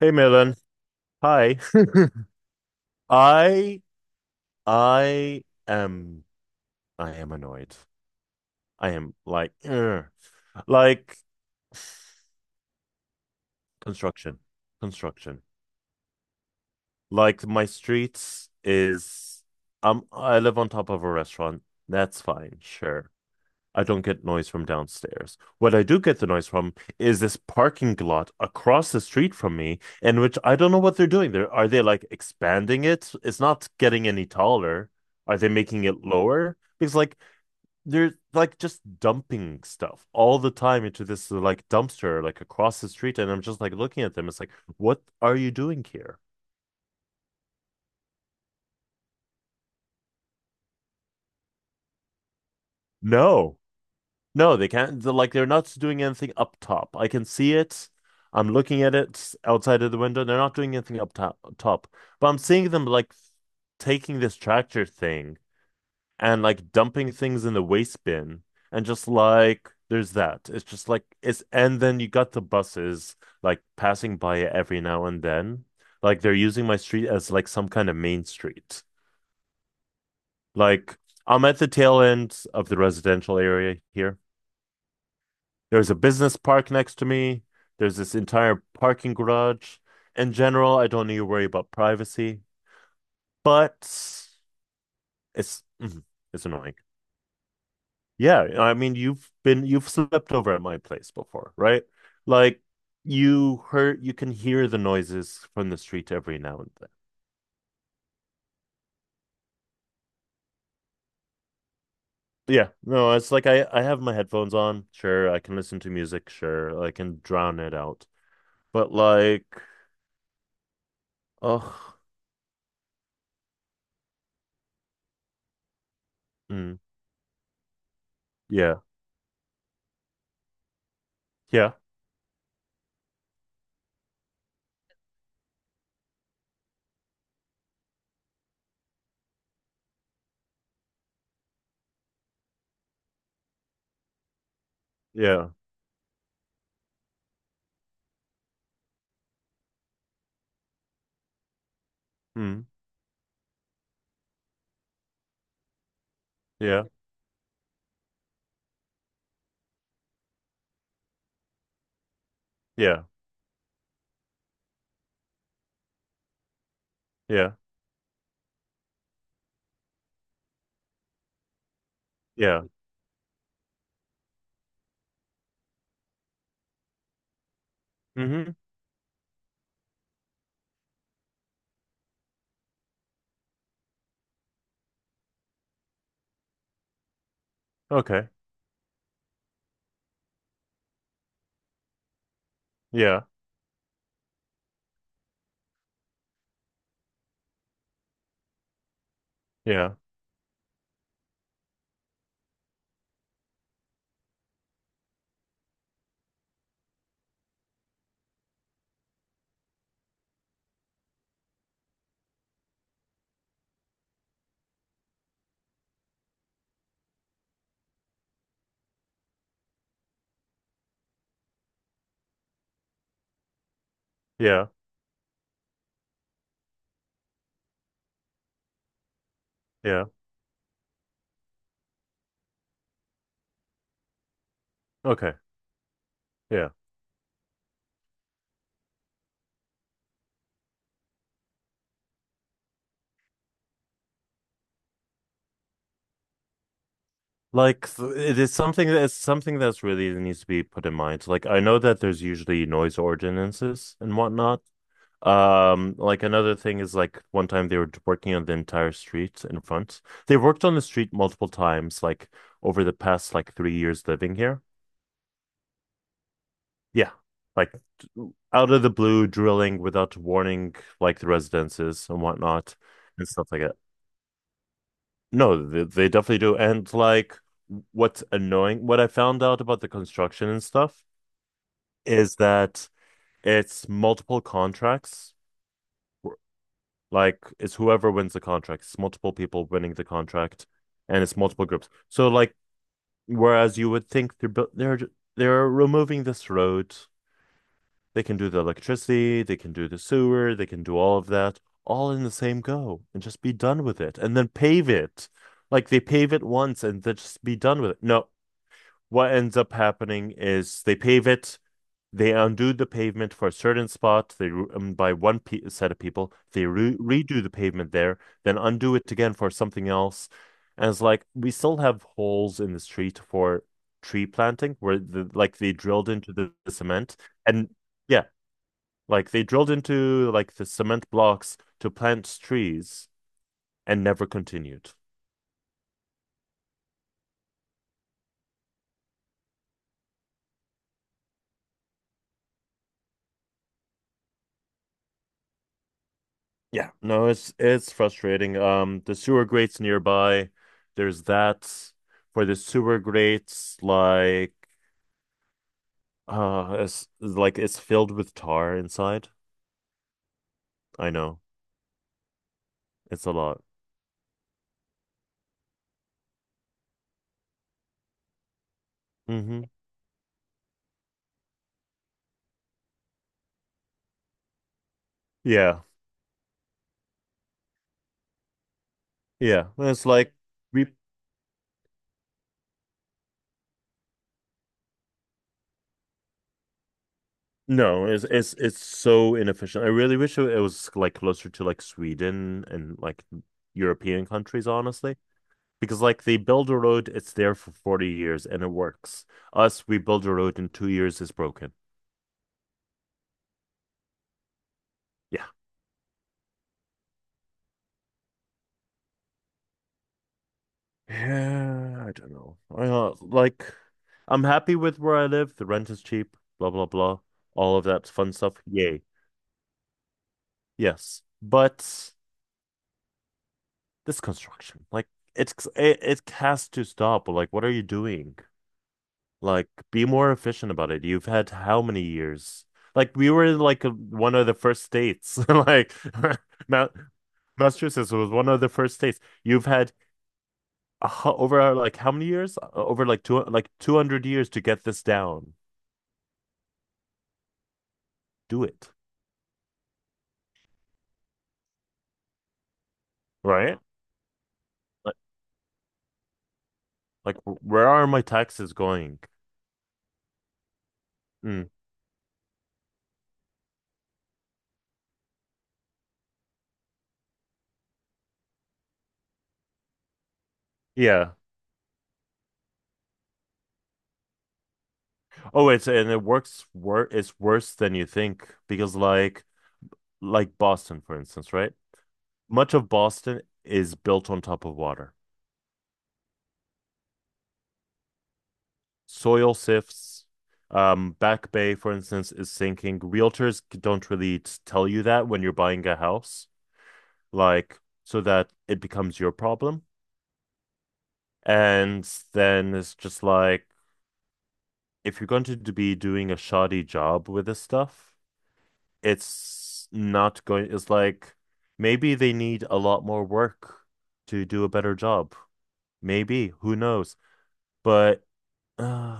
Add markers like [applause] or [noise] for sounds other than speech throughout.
Hey Milan. Hi. [laughs] I I am I am annoyed. I am like [clears throat] ugh. Like construction. Construction. Like my streets is I live on top of a restaurant. That's fine, sure. I don't get noise from downstairs. What I do get the noise from is this parking lot across the street from me, in which I don't know what they're doing. Are they like expanding it? It's not getting any taller. Are they making it lower? Because like they're like just dumping stuff all the time into this like dumpster like across the street, and I'm just like looking at them. It's like, what are you doing here? No. No, they can't. They're not doing anything up top. I can see it. I'm looking at it outside of the window. They're not doing anything up top. But I'm seeing them like taking this tractor thing and like dumping things in the waste bin and just like there's that. It's just like it's And then you got the buses like passing by it every now and then. Like they're using my street as like some kind of main street. Like I'm at the tail end of the residential area here. There's a business park next to me. There's this entire parking garage. In general, I don't need to worry about privacy, but it's mhm, it's annoying. Yeah, I mean, you've slept over at my place before, right? Like you heard you can hear the noises from the street every now and then. Yeah, no, it's like I have my headphones on. Sure, I can listen to music. Sure, I can drown it out. But like, oh, mm, yeah, yeah, yeah, mm, yeah. Yeah, yeah, yeah. Hmm. Okay. Yeah, yeah, yeah, yeah. Okay. Yeah. Like it is something that it's something that's really needs to be put in mind. Like I know that there's usually noise ordinances and whatnot. Like another thing is like one time they were working on the entire street in front. They worked on the street multiple times, like over the past like 3 years living here. Yeah. Like out of the blue, drilling without warning, like the residences and whatnot and stuff like that. No, they definitely do. And like what's annoying, what I found out about the construction and stuff is that it's multiple contracts. Like it's whoever wins the contract, it's multiple people winning the contract, and it's multiple groups. So like, whereas you would think they're removing this road. They can do the electricity, they can do the sewer, they can do all of that, all in the same go and just be done with it and then pave it. Like they pave it once and then just be done with it. No, what ends up happening is they pave it, they undo the pavement for a certain spot, they by one pe set of people, they re redo the pavement there, then undo it again for something else. And it's like we still have holes in the street for tree planting where the like they drilled into the cement and yeah, like they drilled into like the cement blocks to plant trees and never continued. Yeah. No, it's frustrating. The sewer grates nearby, there's that for the sewer grates, like it's filled with tar inside. I know. It's a lot. Mm-hmm. Yeah. Yeah. It's like we no, it's so inefficient. I really wish it was like closer to like Sweden and like European countries, honestly. Because like they build a road, it's there for 40 years and it works. Us, we build a road in 2 years, it's broken. Yeah. Yeah, I don't know. I like I'm happy with where I live. The rent is cheap, blah blah blah. All of that fun stuff. Yay. Yes. But this construction, it has to stop. Like, what are you doing? Like, be more efficient about it. You've had how many years? Like, we were like a, one of the first states. [laughs] Like, [laughs] Ma Massachusetts was one of the first states. You've had a, hu- Over like how many years? Over like 200 years to get this down. Do it, right? Like, like where are my taxes going? Mm, yeah. Oh, it's and it works wor it's worse than you think because like Boston, for instance, right? Much of Boston is built on top of water. Soil sifts. Back Bay, for instance, is sinking. Realtors don't really tell you that when you're buying a house, like, so that it becomes your problem. And then it's just like, if you're going to be doing a shoddy job with this stuff, it's not going, it's like maybe they need a lot more work to do a better job. Maybe, who knows? But [sighs] uh,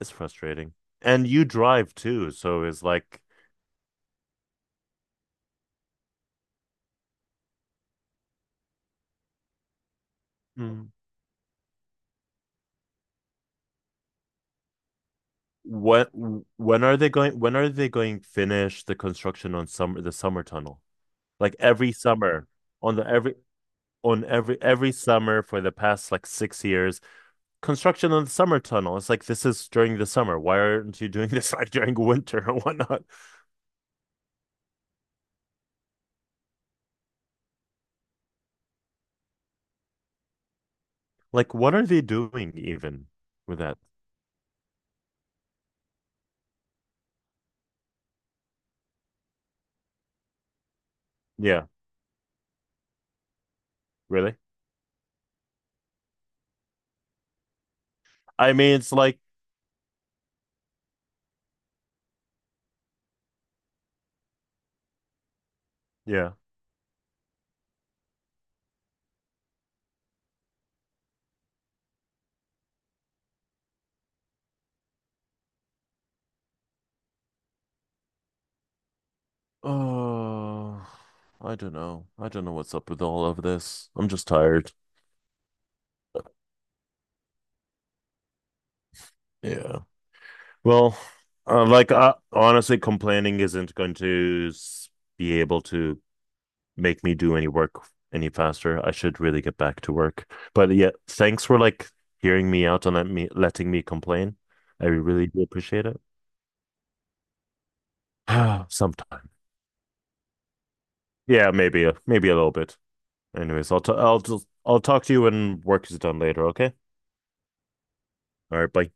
it's frustrating. And you drive too, so it's like, hmm, What when are they going when are they going finish the construction on summer the summer tunnel? Like every summer on the every on every every summer for the past like 6 years, construction on the summer tunnel. It's like this is during the summer. Why aren't you doing [laughs] this like during winter or whatnot? Like what are they doing even with that? Yeah, really? I mean it's like yeah. Oh, I don't know. I don't know what's up with all of this. I'm just tired. Yeah. Well, honestly, complaining isn't going to s- be able to make me do any work any faster. I should really get back to work. But yeah, thanks for like hearing me out and letting me complain. I really do appreciate it. [sighs] Sometime. Yeah, maybe a little bit. Anyways, I'll t I'll just I'll talk to you when work is done later, okay? All right, bye.